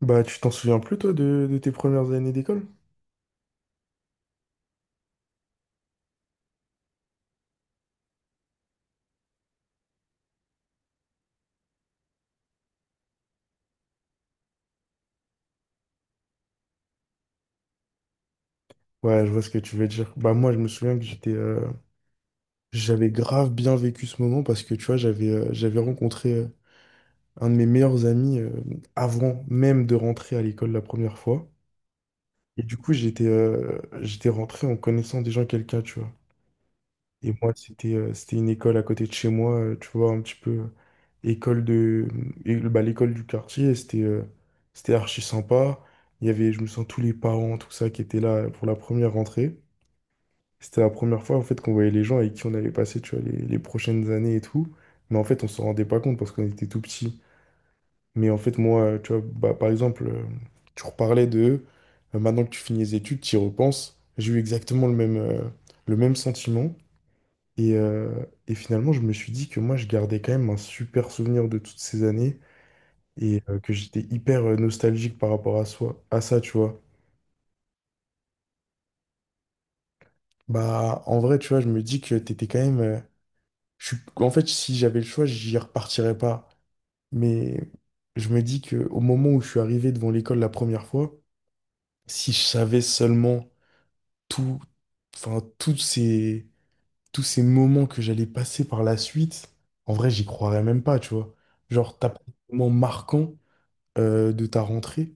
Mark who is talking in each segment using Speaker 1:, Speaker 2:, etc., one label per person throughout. Speaker 1: Bah, tu t'en souviens plus, toi, de tes premières années d'école? Ouais, je vois ce que tu veux dire. Bah, moi, je me souviens que j'étais, j'avais grave bien vécu ce moment parce que, tu vois, j'avais rencontré un de mes meilleurs amis, avant même de rentrer à l'école la première fois. Et du coup, j'étais rentré en connaissant déjà quelqu'un, tu vois. Et moi, c'était une école à côté de chez moi, tu vois, un petit peu. École de et, bah, l'école du quartier c'était archi sympa. Il y avait, je me sens, tous les parents, tout ça, qui étaient là pour la première rentrée. C'était la première fois en fait qu'on voyait les gens avec qui on avait passé, tu vois, les prochaines années et tout. Mais en fait on s'en rendait pas compte parce qu'on était tout petits. Mais en fait moi, tu vois, bah, par exemple, tu reparlais de maintenant que tu finis les études, tu y repenses, j'ai eu exactement le même, le même sentiment. Et, et finalement je me suis dit que moi je gardais quand même un super souvenir de toutes ces années. Et que j'étais hyper nostalgique par rapport à soi, à ça, tu vois. Bah, en vrai, tu vois, je me dis que t'étais quand même. Euh, je suis... En fait, si j'avais le choix, j'y repartirais pas. Mais je me dis que au moment où je suis arrivé devant l'école la première fois, si je savais seulement tout, enfin, tous ces moments que j'allais passer par la suite, en vrai, j'y croirais même pas, tu vois. Genre, t'as pas de moment marquant de ta rentrée.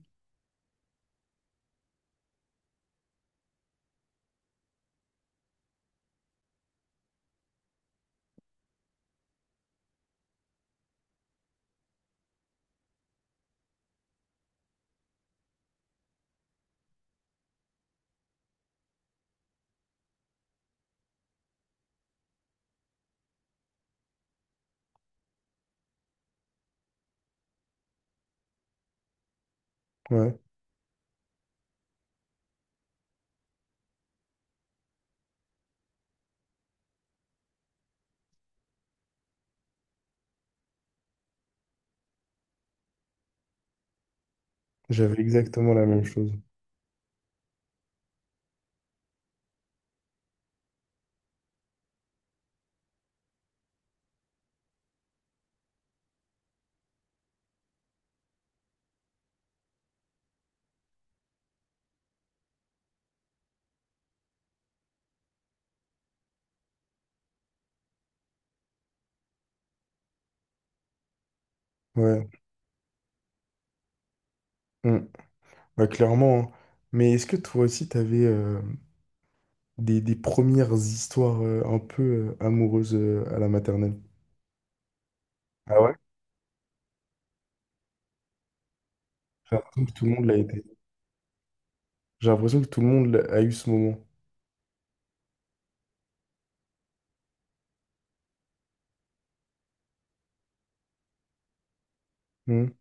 Speaker 1: Ouais, j'avais exactement la même chose. Ouais. Ouais, clairement, hein. Mais est-ce que toi aussi, t'avais des premières histoires un peu amoureuses à la maternelle? Ah ouais? J'ai l'impression que tout le monde l'a été. J'ai l'impression que tout le monde a eu ce moment. Hmm.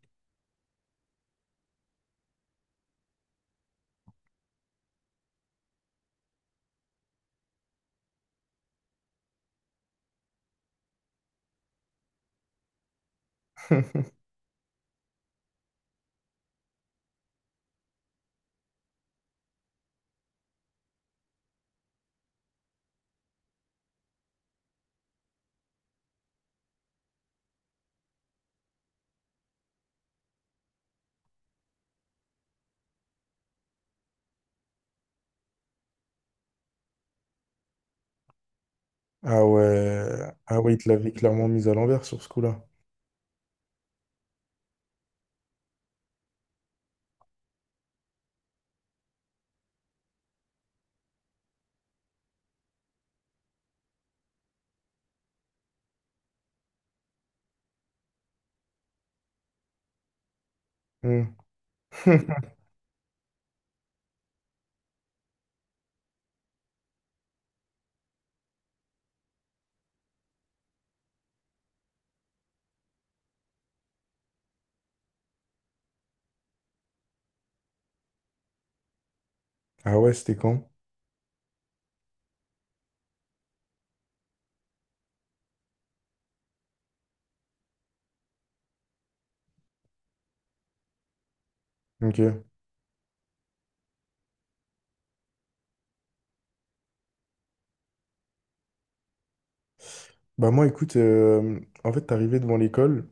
Speaker 1: Ah ouais. Ah ouais, il te l'avait clairement mise à l'envers sur ce coup-là. Hmm. Ah ouais, c'était quand? Ok. Bah moi, écoute, en fait, t'arrivais devant l'école,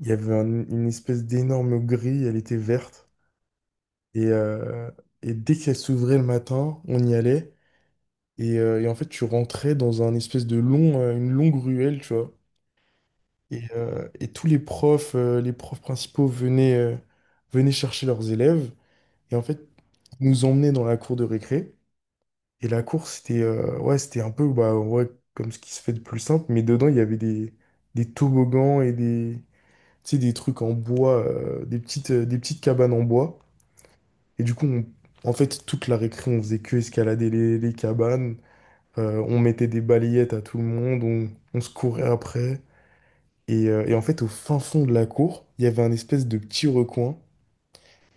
Speaker 1: il y avait une espèce d'énorme grille, elle était verte, et, euh, et dès qu'elle s'ouvrait le matin, on y allait. Et en fait, tu rentrais dans un espèce de long, une longue ruelle, tu vois. Et tous les profs principaux venaient, venaient chercher leurs élèves. Et en fait, ils nous emmenaient dans la cour de récré. Et la cour, c'était ouais, c'était un peu bah, ouais, comme ce qui se fait de plus simple. Mais dedans, il y avait des toboggans et des, tu sais, des trucs en bois, des petites, des petites cabanes en bois. Et du coup, en fait, toute la récré, on faisait que escalader les cabanes. On mettait des balayettes à tout le monde, on se courait après. Et en fait, au fin fond de la cour, il y avait un espèce de petit recoin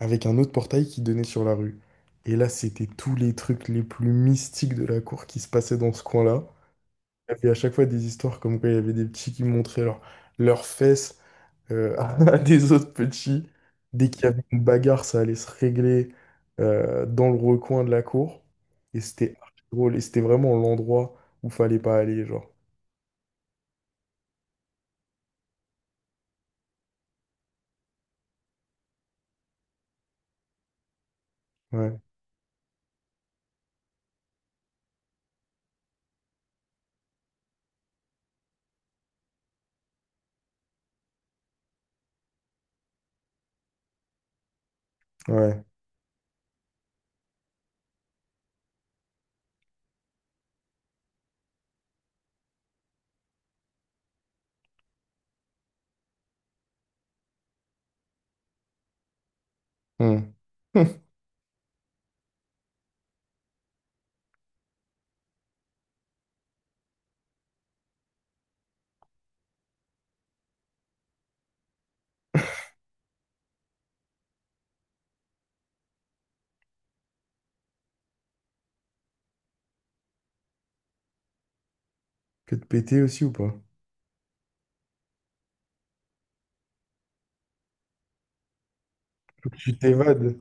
Speaker 1: avec un autre portail qui donnait sur la rue. Et là, c'était tous les trucs les plus mystiques de la cour qui se passaient dans ce coin-là. Il y avait à chaque fois des histoires comme quoi il y avait des petits qui montraient leurs fesses à des autres petits. Dès qu'il y avait une bagarre, ça allait se régler dans le recoin de la cour. Et c'était archi drôle. Et c'était vraiment l'endroit où fallait pas aller, genre. Ouais, ouais. Hmm. Hmm. Que de péter aussi ou pas? Faut que tu t'évades.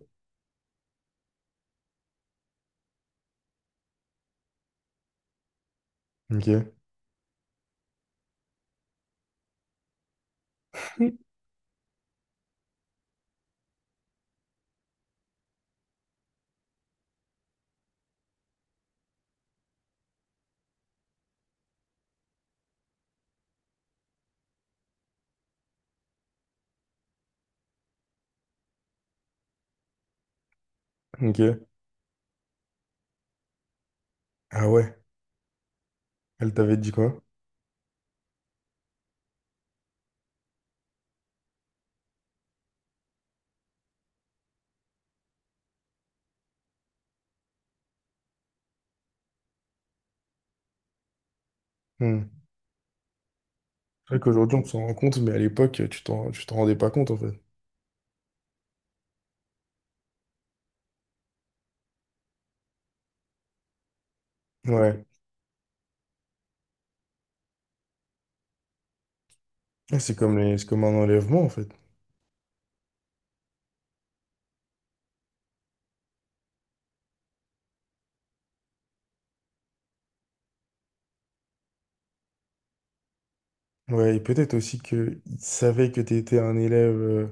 Speaker 1: Ok, ok. Ah ouais, elle t'avait dit quoi? Hmm. C'est vrai qu'aujourd'hui on s'en rend compte, mais à l'époque tu t'en rendais pas compte en fait. Ouais. Et c'est comme les, c'est comme un enlèvement en fait. Ouais, et peut-être aussi qu'ils savaient que t'étais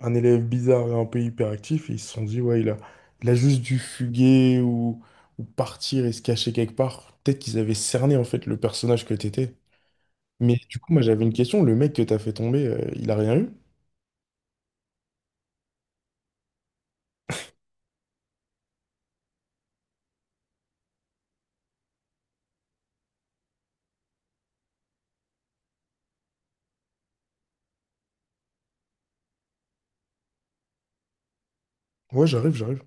Speaker 1: un élève bizarre et un peu hyperactif, et ils se sont dit, ouais, il a juste dû fuguer ou partir et se cacher quelque part. Peut-être qu'ils avaient cerné en fait le personnage que t'étais. Mais du coup, moi j'avais une question, le mec que t'as fait tomber, il a rien eu? Ouais, j'arrive, j'arrive.